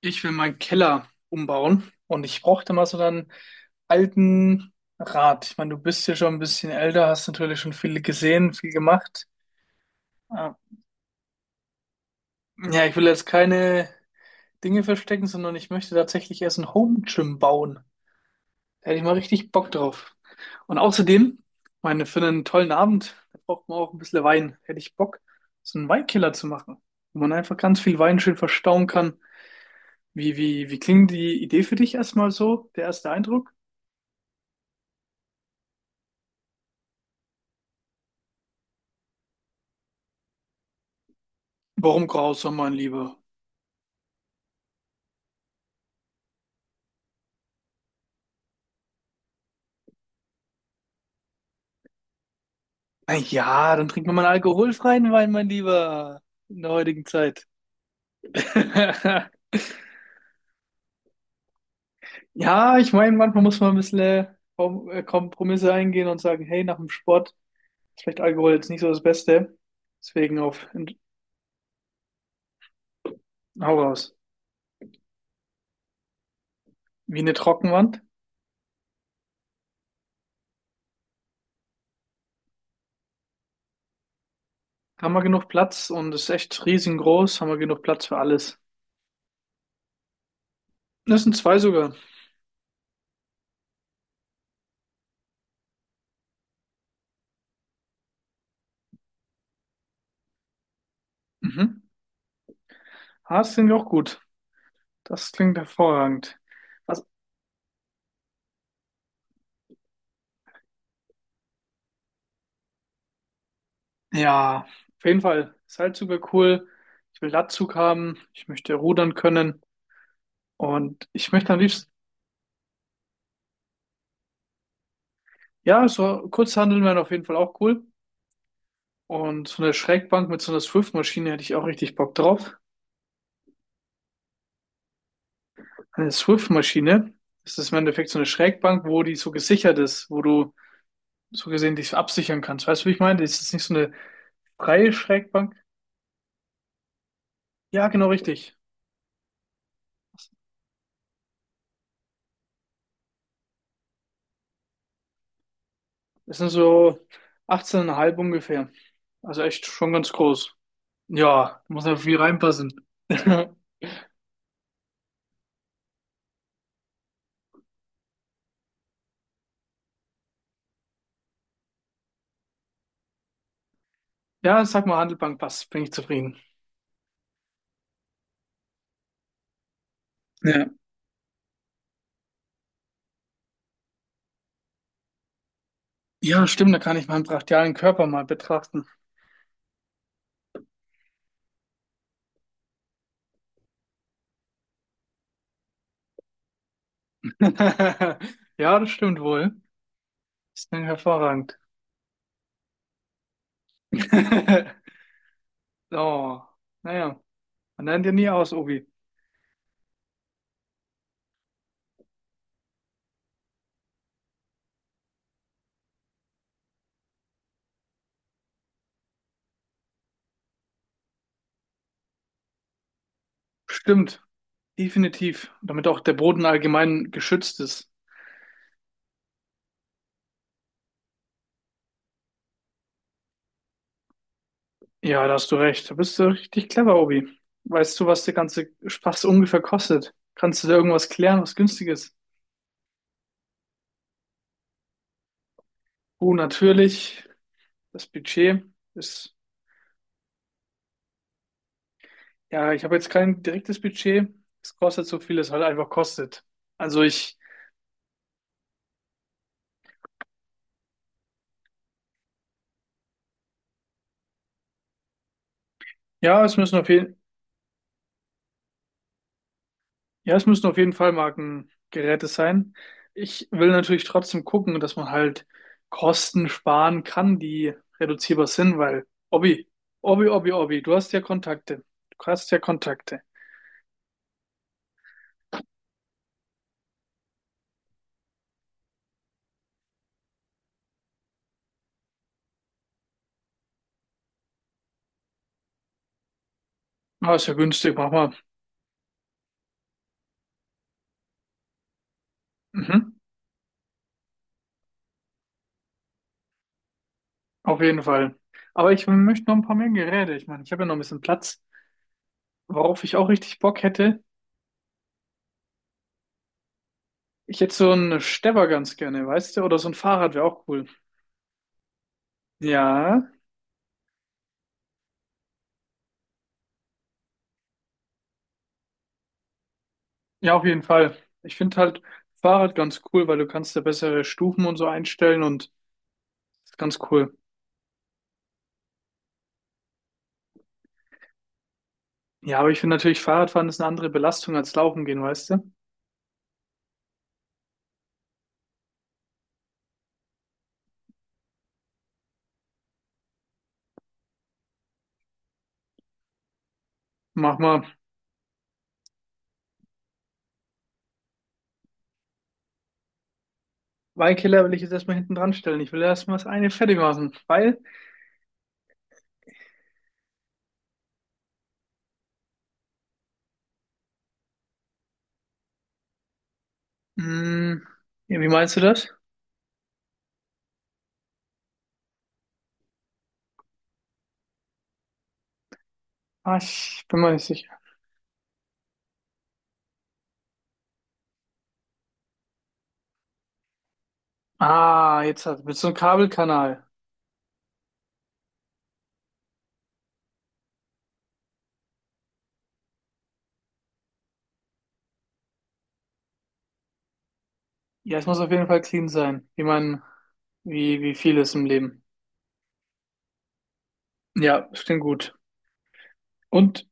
Ich will meinen Keller umbauen und ich brauchte mal so einen alten Rat. Ich meine, du bist ja schon ein bisschen älter, hast natürlich schon viel gesehen, viel gemacht. Ah, ja, ich will jetzt keine Dinge verstecken, sondern ich möchte tatsächlich erst ein Home Gym bauen. Da hätte ich mal richtig Bock drauf. Und außerdem, meine, für einen tollen Abend, da braucht man auch ein bisschen Wein. Hätte ich Bock, so einen Weinkeller zu machen, wo man einfach ganz viel Wein schön verstauen kann. Wie klingt die Idee für dich erstmal so, der erste Eindruck? Warum grausam, mein Lieber? Na ja, dann trinken wir mal einen alkoholfreien Wein, mein Lieber. In der heutigen Zeit. Ja, ich meine, manchmal muss man ein bisschen Kompromisse eingehen und sagen, hey, nach dem Sport ist vielleicht Alkohol jetzt nicht so das Beste. Deswegen auf, hau raus. Wie eine Trockenwand. Haben wir genug Platz, und ist echt riesengroß. Haben wir genug Platz für alles. Das sind zwei sogar. Mhm. Ah, das klingt auch gut. Das klingt hervorragend. Was? Ja, auf jeden Fall. Seilzug wäre cool. Ich will Latzug haben. Ich möchte rudern können. Und ich möchte am liebsten, ja, so Kurzhanteln wären auf jeden Fall auch cool. Und so eine Schrägbank mit so einer Swift-Maschine hätte ich auch richtig Bock drauf. Eine Swift-Maschine, das ist im Endeffekt so eine Schrägbank, wo die so gesichert ist, wo du so gesehen dich absichern kannst. Weißt du, wie ich meine? Das ist nicht so eine freie Schrägbank. Ja, genau richtig. Das sind so 18,5 ungefähr. Also echt schon ganz groß. Ja, muss ja viel reinpassen. Ja, sag mal, Handelbank passt, bin ich zufrieden. Ja. Ja, stimmt, da kann ich meinen brachialen Körper mal betrachten. Ja, das stimmt wohl. Ist dann hervorragend. So, naja, man lernt ja nie aus, Obi. Stimmt, definitiv. Damit auch der Boden allgemein geschützt ist. Ja, da hast du recht. Da bist du richtig clever, Obi. Weißt du, was der ganze Spaß ungefähr kostet? Kannst du da irgendwas klären, was günstig ist? Oh, natürlich. Das Budget ist, ja, ich habe jetzt kein direktes Budget. Es kostet so viel, es halt einfach kostet. Also ich, ja, es müssen auf jeden, ja, es müssen auf jeden Fall Markengeräte sein. Ich will natürlich trotzdem gucken, dass man halt Kosten sparen kann, die reduzierbar sind, weil, Obi, Obi, Obi, Obi, du hast ja Kontakte. Du hast ja Kontakte. Ah, ist ja günstig, mach mal. Mhm, auf jeden Fall. Aber ich möchte noch ein paar mehr Geräte. Ich meine, ich habe ja noch ein bisschen Platz. Worauf ich auch richtig Bock hätte, ich hätte so einen Stepper ganz gerne, weißt du? Oder so ein Fahrrad wäre auch cool. Ja, ja, auf jeden Fall. Ich finde halt Fahrrad ganz cool, weil du kannst da bessere Stufen und so einstellen, und ist ganz cool. Ja, aber ich finde natürlich, Fahrradfahren ist eine andere Belastung als Laufen gehen, weißt du? Mach mal. Weinkiller will ich jetzt erstmal hinten dran stellen. Ich will erstmal das eine fertig machen, weil, mh, ja, wie meinst du das? Ah, ich bin mir nicht sicher. Ah, jetzt hat, mit so einem Kabelkanal. Ja, es muss auf jeden Fall clean sein, wie man, wie viel ist im Leben. Ja, das klingt gut. Und,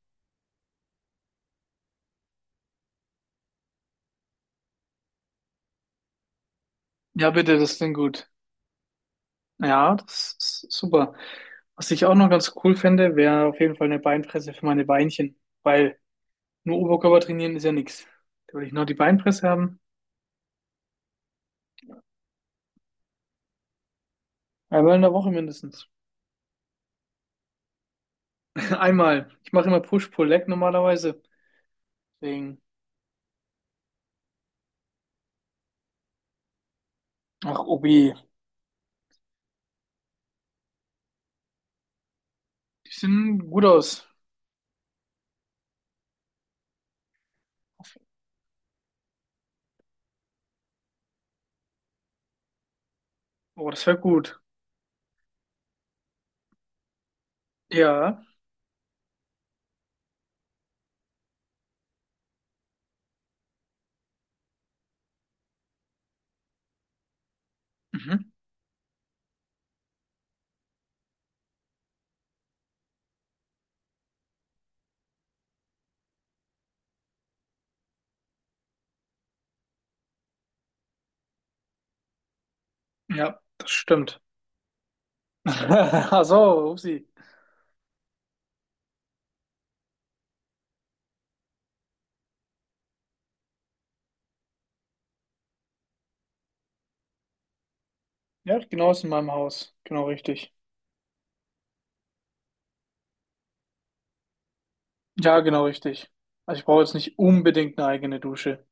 ja, bitte, das klingt gut. Ja, das ist super. Was ich auch noch ganz cool fände, wäre auf jeden Fall eine Beinpresse für meine Beinchen. Weil nur Oberkörper trainieren ist ja nichts. Da würde ich noch die Beinpresse haben. Einmal in der Woche mindestens. Einmal. Ich mache immer Push-Pull-Leg normalerweise. Deswegen. Ach, Obi. Die sehen gut aus. Oh, das wäre gut. Ja. Mhm. Ja, das stimmt. Ach so, Upsi. Ja, genau, ist in meinem Haus. Genau richtig. Ja, genau richtig. Also ich brauche jetzt nicht unbedingt eine eigene Dusche.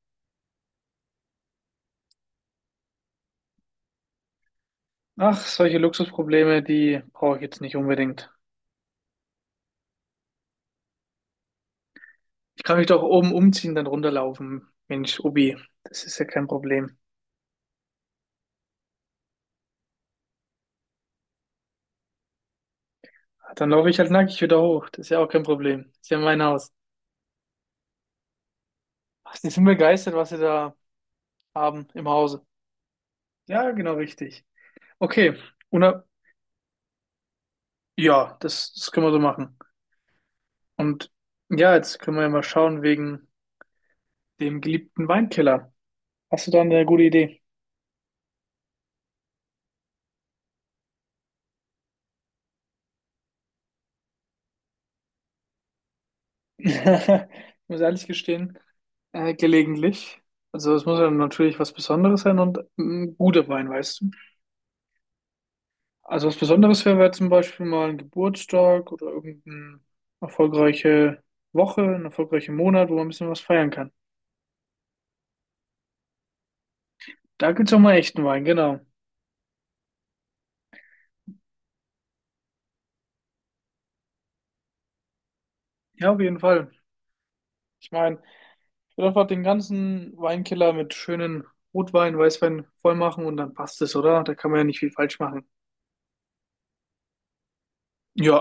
Ach, solche Luxusprobleme, die brauche ich jetzt nicht unbedingt. Ich kann mich doch oben umziehen, dann runterlaufen. Mensch, Ubi, das ist ja kein Problem. Ah, dann laufe ich halt nackig wieder hoch. Das ist ja auch kein Problem. Ist ja mein Haus. Ach, die sind begeistert, was sie da haben im Hause. Ja, genau richtig. Okay. Una, ja, das können wir so machen. Und ja, jetzt können wir ja mal schauen wegen dem geliebten Weinkeller. Hast du da eine gute Idee? Ich muss ehrlich gestehen, gelegentlich. Also es muss ja natürlich was Besonderes sein und ein guter Wein, weißt du. Also was Besonderes wäre, wäre zum Beispiel mal ein Geburtstag oder irgendeine erfolgreiche Woche, ein erfolgreicher Monat, wo man ein bisschen was feiern kann. Da gibt's auch mal echten Wein, genau. Ja, auf jeden Fall. Ich meine, ich würde einfach den ganzen Weinkeller mit schönen Rotwein, Weißwein voll machen, und dann passt es, oder? Da kann man ja nicht viel falsch machen. Ja,